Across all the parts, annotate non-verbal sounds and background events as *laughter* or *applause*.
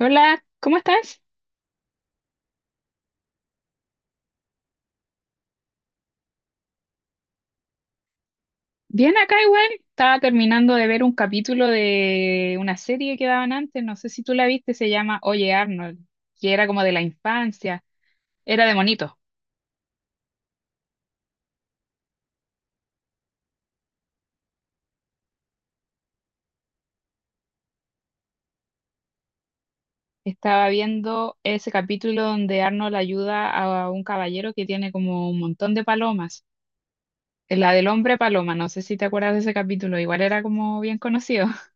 Hola, ¿cómo estás? Bien acá igual. Estaba terminando de ver un capítulo de una serie que daban antes, no sé si tú la viste, se llama Oye Arnold, que era como de la infancia, era de monito. Estaba viendo ese capítulo donde Arnold ayuda a un caballero que tiene como un montón de palomas. La del hombre paloma, no sé si te acuerdas de ese capítulo, igual era como bien conocido. *laughs*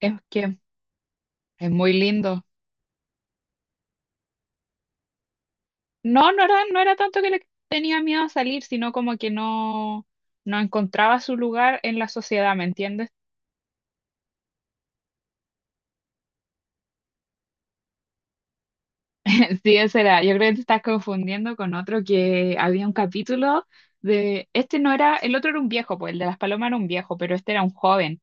Es que es muy lindo. No, no era tanto que le tenía miedo a salir, sino como que no, no encontraba su lugar en la sociedad, ¿me entiendes? *laughs* Sí, ese era. Yo creo que te estás confundiendo con otro que había un capítulo de, este no era, el otro era un viejo, pues el de las palomas era un viejo, pero este era un joven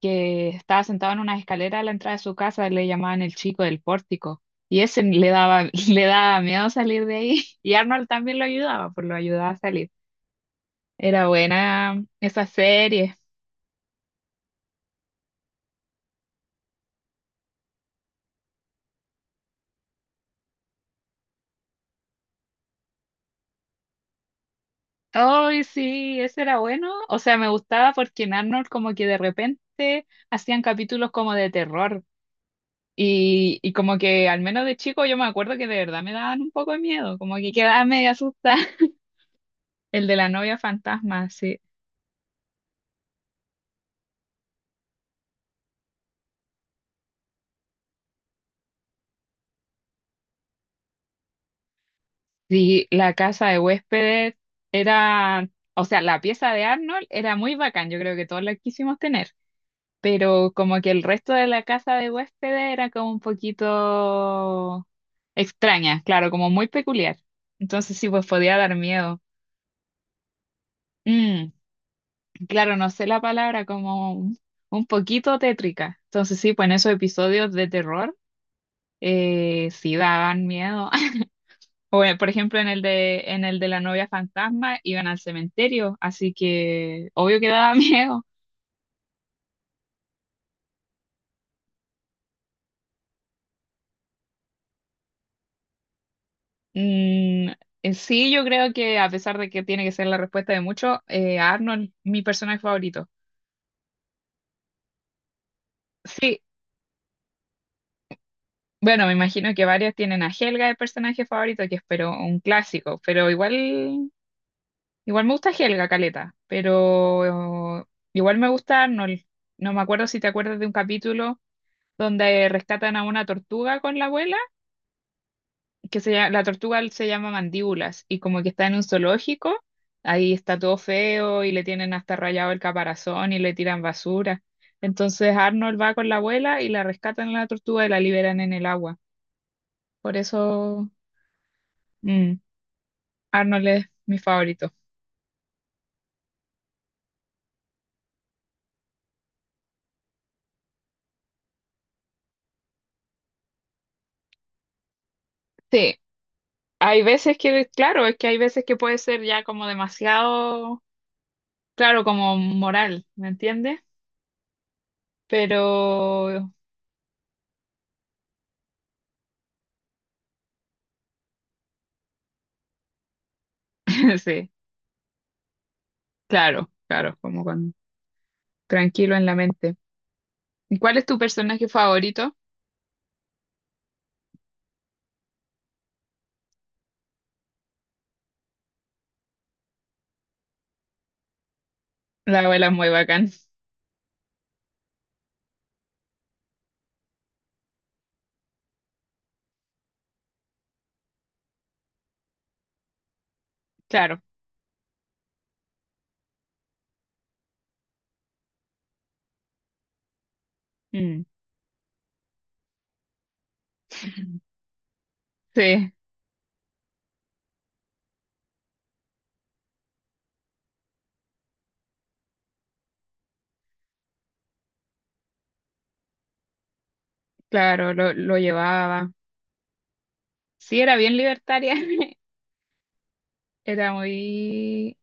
que estaba sentado en una escalera a la entrada de su casa, le llamaban el chico del pórtico. Y ese le daba, *laughs* le daba miedo salir de ahí. Y Arnold también lo ayudaba, pues lo ayudaba a salir. Era buena esa serie. Ay, sí, ese era bueno. O sea, me gustaba porque en Arnold como que de repente hacían capítulos como de terror. Y como que al menos de chico yo me acuerdo que de verdad me daban un poco de miedo, como que quedaba medio asustada. *laughs* El de la novia fantasma, sí. Sí, la casa de huéspedes era, o sea, la pieza de Arnold era muy bacán, yo creo que todos la quisimos tener. Pero como que el resto de la casa de huéspedes era como un poquito extraña, claro, como muy peculiar. Entonces sí, pues podía dar miedo. Mm, claro, no sé la palabra, como un poquito tétrica. Entonces sí, pues en esos episodios de terror sí daban miedo. *laughs* O por ejemplo en el de la novia fantasma iban al cementerio, así que obvio que daba *laughs* miedo. Mm, sí, yo creo que a pesar de que tiene que ser la respuesta de muchos, Arnold, mi personaje favorito. Sí, bueno, me imagino que varios tienen a Helga de personaje favorito, que es pero un clásico, pero igual, igual me gusta Helga, Caleta, pero igual me gusta Arnold. No me acuerdo si te acuerdas de un capítulo donde rescatan a una tortuga con la abuela, que se llama, la tortuga se llama mandíbulas y como que está en un zoológico, ahí está todo feo y le tienen hasta rayado el caparazón y le tiran basura. Entonces Arnold va con la abuela y la rescatan a la tortuga y la liberan en el agua. Por eso mm, Arnold es mi favorito. Sí, hay veces que, claro, es que hay veces que puede ser ya como demasiado, claro, como moral, ¿me entiendes? Pero *laughs* sí, claro, claro, como con tranquilo en la mente. ¿Cuál es tu personaje favorito? La abuela es muy bacán, claro. Mm. Sí, claro, lo llevaba. Sí, era bien libertaria. *laughs* Era muy...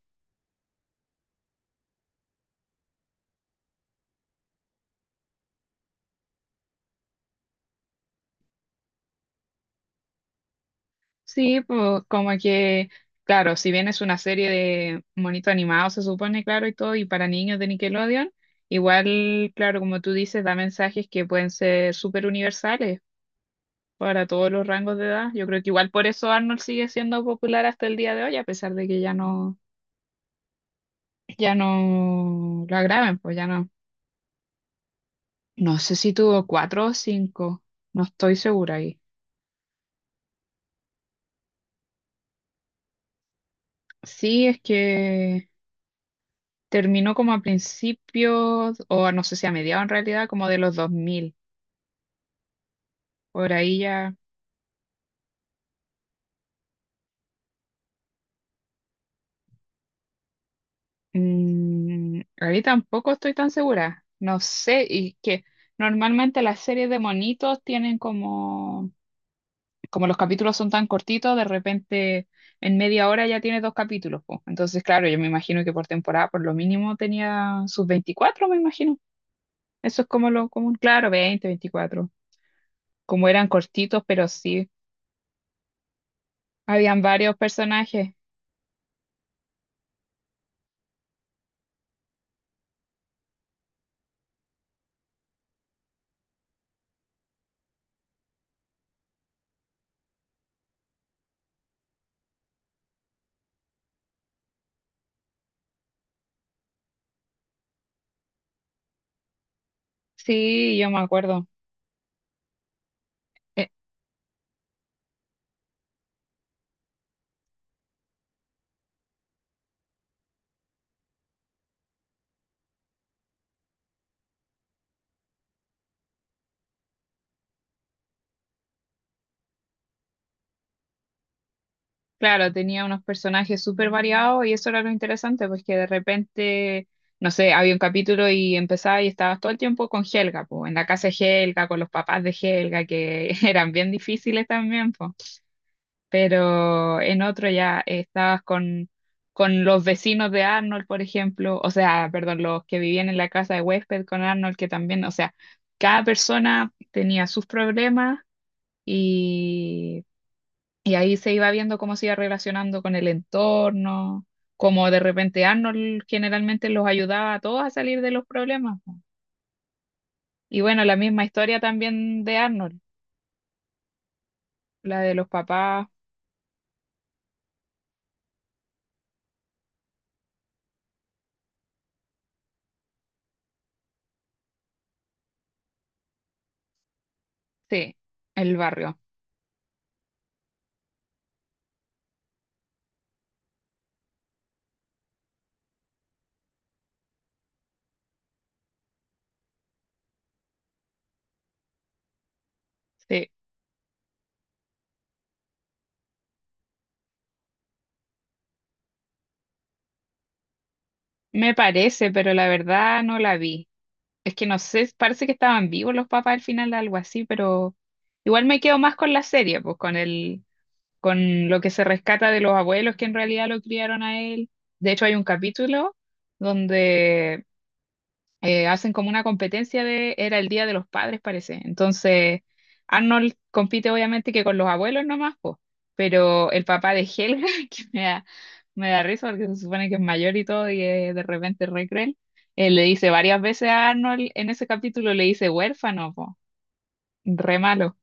Sí, pues como que, claro, si bien es una serie de monitos animados, se supone, claro, y todo, y para niños de Nickelodeon, igual, claro, como tú dices, da mensajes que pueden ser súper universales para todos los rangos de edad. Yo creo que igual por eso Arnold sigue siendo popular hasta el día de hoy, a pesar de que ya no ya no la graben, pues ya no. No sé si tuvo cuatro o cinco, no estoy segura ahí. Sí, es que terminó como a principios, no sé si a mediados en realidad, como de los 2000. Por ahí ya. Mm, ahí tampoco estoy tan segura. No sé, y que normalmente las series de monitos tienen como los capítulos son tan cortitos, de repente en media hora ya tiene dos capítulos, po. Entonces, claro, yo me imagino que por temporada por lo mínimo tenía sus 24, me imagino. Eso es como lo común, claro, 20, 24. Como eran cortitos, pero sí, habían varios personajes. Sí, yo me acuerdo. Eh, Claro, tenía unos personajes súper variados y eso era lo interesante, pues que de repente, no sé, había un capítulo y empezaba y estabas todo el tiempo con Helga, pues, en la casa de Helga, con los papás de Helga, que *laughs* eran bien difíciles también, pues. Pero en otro ya estabas con los vecinos de Arnold, por ejemplo, o sea, perdón, los que vivían en la casa de huésped con Arnold, que también, o sea, cada persona tenía sus problemas y y ahí se iba viendo cómo se iba relacionando con el entorno, cómo de repente Arnold generalmente los ayudaba a todos a salir de los problemas, po. Y bueno, la misma historia también de Arnold, la de los papás, sí, el barrio, sí. Me parece, pero la verdad no la vi. Es que no sé, parece que estaban vivos los papás al final, algo así, pero igual me quedo más con la serie, pues con el, con lo que se rescata de los abuelos que en realidad lo criaron a él. De hecho, hay un capítulo donde hacen como una competencia de, era el Día de los Padres, parece. Entonces, Arnold compite obviamente que con los abuelos nomás, po, pero el papá de Helga, *laughs* que me da risa porque se supone que es mayor y todo y es de repente re cruel, le dice varias veces a Arnold, en ese capítulo le dice huérfano, po, re malo.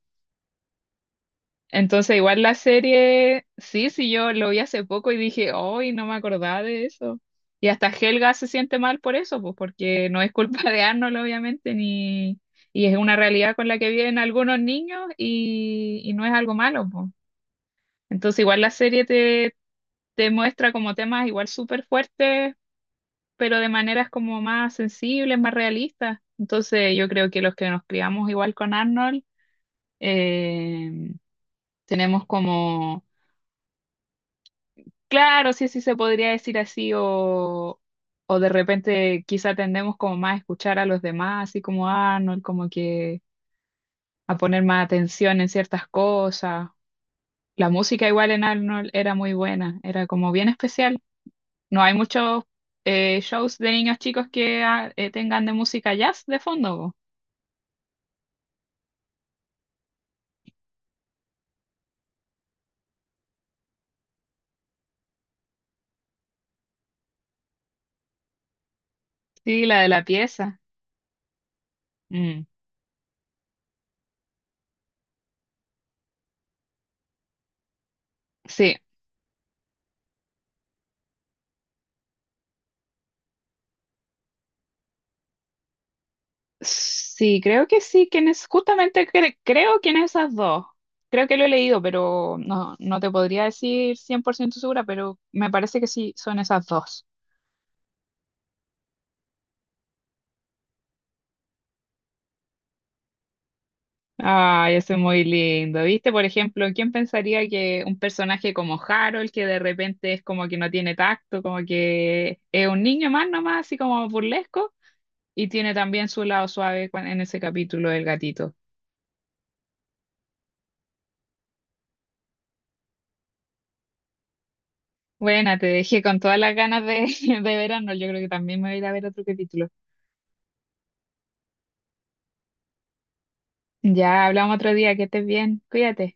Entonces, igual la serie, sí, sí, yo lo vi hace poco y dije, hoy no me acordaba de eso. Y hasta Helga se siente mal por eso, pues porque no es culpa de Arnold, obviamente, ni... y es una realidad con la que viven algunos niños y no es algo malo, pues. Entonces, igual la serie te, te muestra como temas igual súper fuertes, pero de maneras como más sensibles, más realistas. Entonces, yo creo que los que nos criamos igual con Arnold, eh, tenemos como claro, sí, sí se podría decir así, o de repente quizá tendemos como más a escuchar a los demás, así como Arnold, como que a poner más atención en ciertas cosas. La música igual en Arnold era muy buena, era como bien especial. No hay muchos shows de niños chicos que tengan de música jazz de fondo, po. Sí, la de la pieza. Mm, sí. Sí, creo que sí, que es justamente creo que en esas dos. Creo que lo he leído, pero no, no te podría decir 100% segura, pero me parece que sí, son esas dos. Ay, eso es muy lindo. ¿Viste? Por ejemplo, ¿quién pensaría que un personaje como Harold, que de repente es como que no tiene tacto, como que es un niño más nomás, así como burlesco, y tiene también su lado suave en ese capítulo del gatito? Bueno, te dejé con todas las ganas de, *laughs* de verano. Yo creo que también me voy a ir a ver otro capítulo. Ya hablamos otro día, que estés bien, cuídate.